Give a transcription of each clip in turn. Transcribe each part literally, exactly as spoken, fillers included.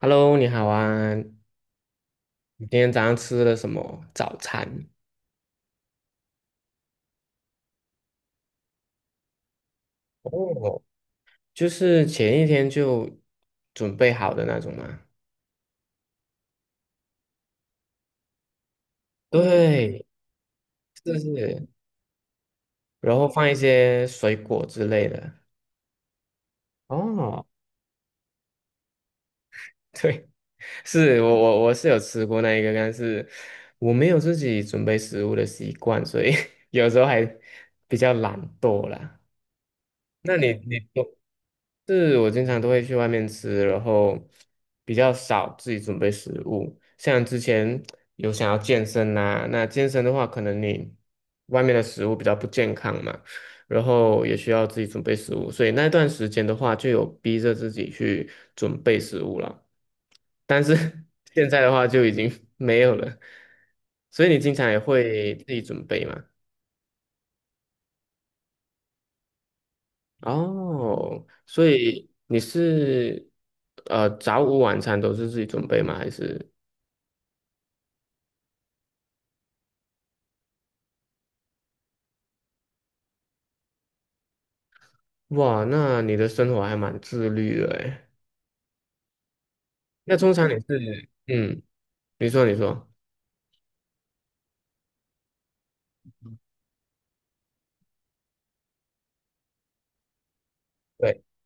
Hello，你好啊！你今天早上吃了什么早餐？哦，就是前一天就准备好的那种吗？对，是是，然后放一些水果之类的。哦，对，是我我我是有吃过那一个，但是我没有自己准备食物的习惯，所以 有时候还比较懒惰啦。那你你是我经常都会去外面吃，然后比较少自己准备食物。像之前有想要健身呐、那健身的话，可能你外面的食物比较不健康嘛，然后也需要自己准备食物，所以那段时间的话，就有逼着自己去准备食物了。但是 现在的话就已经没有了，所以你经常也会自己准备嘛？哦，所以你是呃早午晚餐都是自己准备吗？还是哇，那你的生活还蛮自律的诶。那通常你是嗯，你说你说，对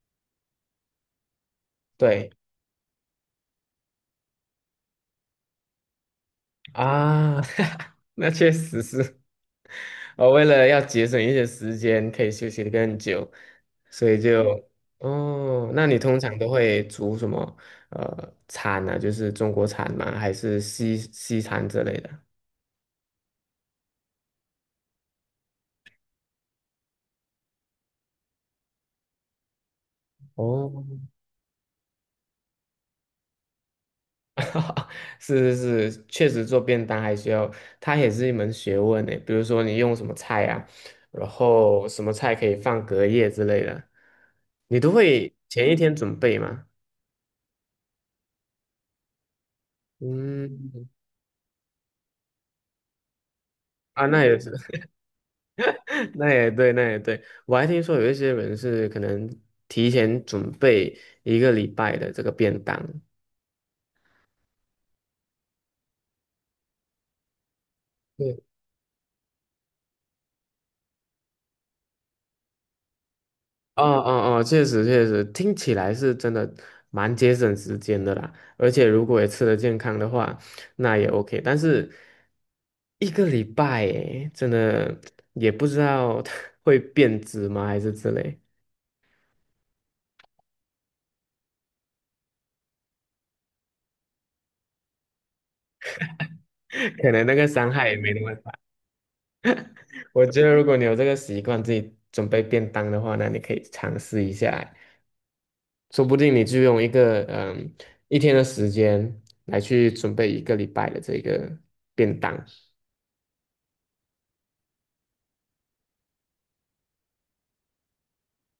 对啊，那确实是，我为了要节省一些时间，可以休息的更久，所以就哦，那你通常都会煮什么呃餐呢、啊？就是中国餐吗？还是西西餐之类的？哦是是是，确实做便当还需要，它也是一门学问呢。比如说你用什么菜啊，然后什么菜可以放隔夜之类的，你都会前一天准备吗？嗯，啊，那也是，那也对，那也对。我还听说有一些人是可能提前准备一个礼拜的这个便当。对。哦哦哦，确实确实，听起来是真的蛮节省时间的啦。而且如果也吃得健康的话，那也 OK。但是一个礼拜诶，真的也不知道 会变质吗，还是之类，可能那个伤害也没那么大。我觉得如果你有这个习惯，自己准备便当的话，那你可以尝试一下，说不定你就用一个嗯一天的时间来去准备一个礼拜的这个便当。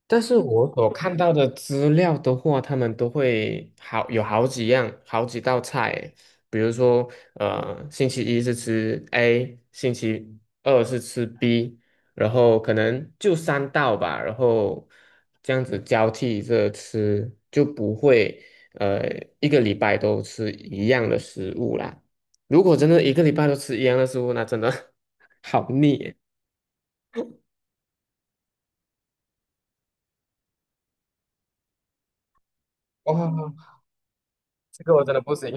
但是我所看到的资料的话，他们都会好有好几样、好几道菜诶比如说，呃，星期一是吃 A，星期二是吃 B，然后可能就三道吧，然后这样子交替着吃，就不会呃一个礼拜都吃一样的食物啦。如果真的一个礼拜都吃一样的食物，那真的 好腻耶。哇，这个我真的不行。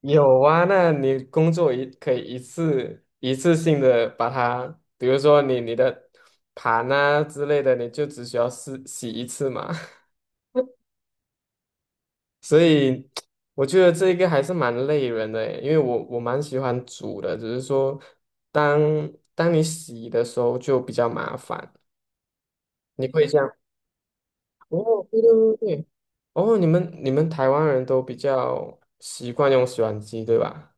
有啊，那你工作一可以一次一次性的把它，比如说你你的盘啊之类的，你就只需要洗洗一次嘛。所以我觉得这一个还是蛮累人的诶，因为我我蛮喜欢煮的，只是说当当你洗的时候就比较麻烦。你可以这样？哦，对对对对，哦，你们你们台湾人都比较习惯用洗碗机，对吧？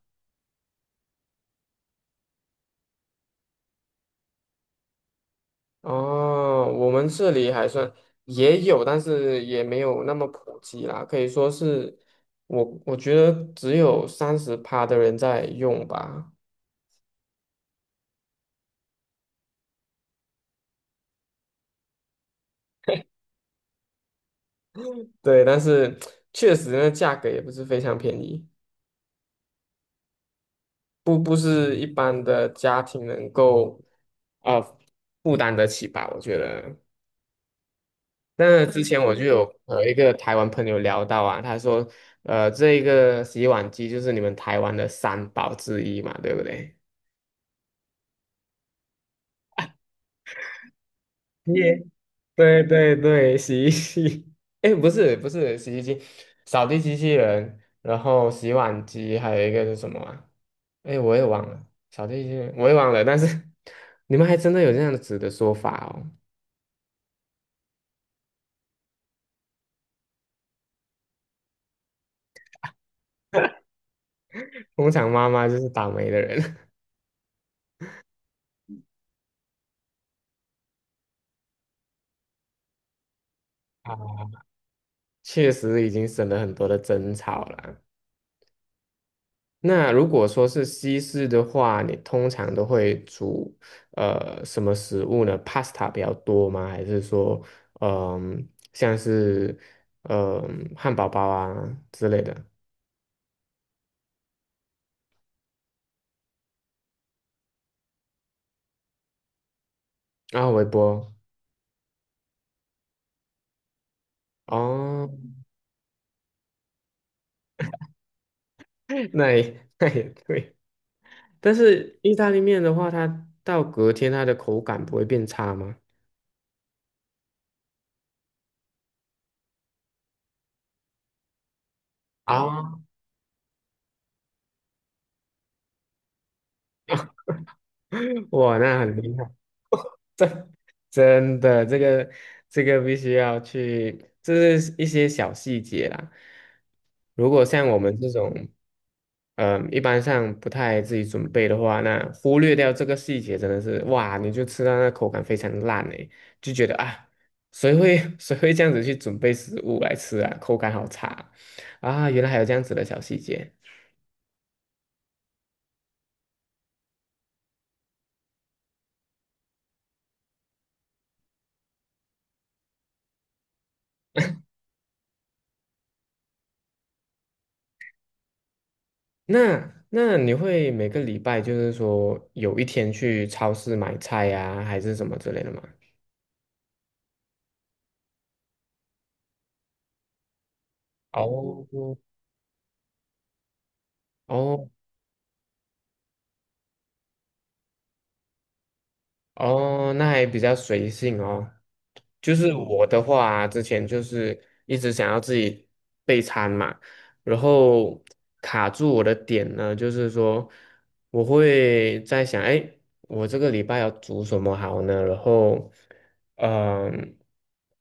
哦，我们这里还算也有，但是也没有那么普及啦，可以说是我我觉得只有三十趴的人在用吧。对，但是确实那价格也不是非常便宜，不不是一般的家庭能够啊、呃负担得起吧，我觉得。那之前我就有和一个台湾朋友聊到啊，他说，呃，这个洗碗机就是你们台湾的三宝之一嘛，对不对？耶，对对对，洗衣机，哎，不是不是洗衣机，扫地机器人，然后洗碗机，还有一个是什么啊？哎，我也忘了，扫地机器人我也忘了，但是 你们还真的有这样子的说法哦。工厂妈妈就是倒霉的人，啊确实已经省了很多的争吵了。那如果说是西式的话，你通常都会煮呃什么食物呢？pasta 比较多吗？还是说，嗯、像是嗯、汉堡包啊之类的然后微波哦，那也那也对。但是意大利面的话，它到隔天它的口感不会变差吗？啊，哇，那很厉害。真的，这个这个必须要去，这是一些小细节啦。如果像我们这种，嗯、一般上不太自己准备的话，那忽略掉这个细节，真的是哇，你就吃到那口感非常烂诶，就觉得啊，谁会 谁会这样子去准备食物来吃啊？口感好差啊！啊原来还有这样子的小细节。那那你会每个礼拜就是说有一天去超市买菜呀、还是什么之类的吗？哦哦哦，那还比较随性哦。就是我的话啊之前就是一直想要自己备餐嘛，然后卡住我的点呢，就是说我会在想，哎，我这个礼拜要煮什么好呢？然后，嗯、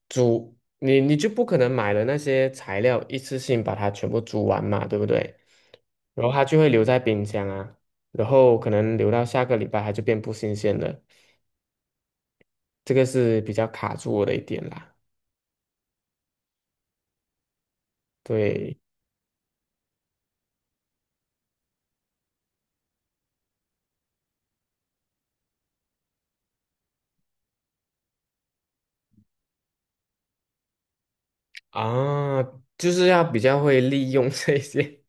煮你你就不可能买了那些材料一次性把它全部煮完嘛，对不对？然后它就会留在冰箱啊，然后可能留到下个礼拜它就变不新鲜了，这个是比较卡住我的一点啦，对。啊，就是要比较会利用这些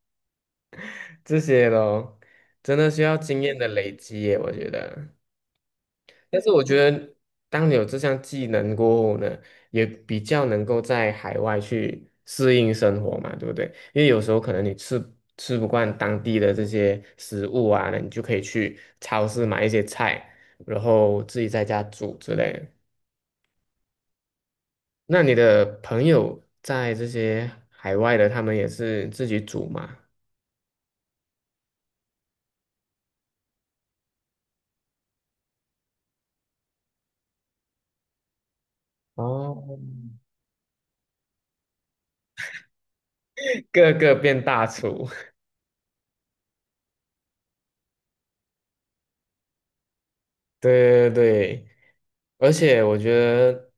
这些咯，真的需要经验的累积耶，我觉得。但是我觉得，当你有这项技能过后呢，也比较能够在海外去适应生活嘛，对不对？因为有时候可能你吃吃不惯当地的这些食物啊，那你就可以去超市买一些菜，然后自己在家煮之类的。那你的朋友在这些海外的，他们也是自己煮吗？哦，个个变大厨，对对对，而且我觉得，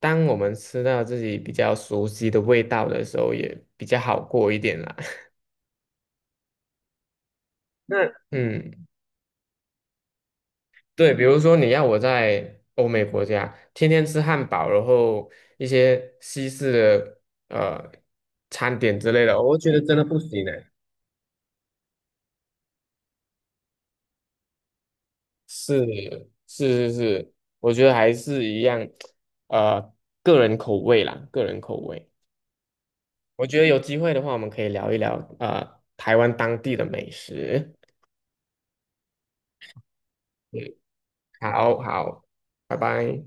当我们吃到自己比较熟悉的味道的时候，也比较好过一点啦。那嗯，对，比如说你要我在欧美国家天天吃汉堡，然后一些西式的呃餐点之类的，我觉得真的不行呢。是是是是，我觉得还是一样，呃，个人口味啦，个人口味。我觉得有机会的话，我们可以聊一聊呃台湾当地的美食。嗯，好好，拜拜。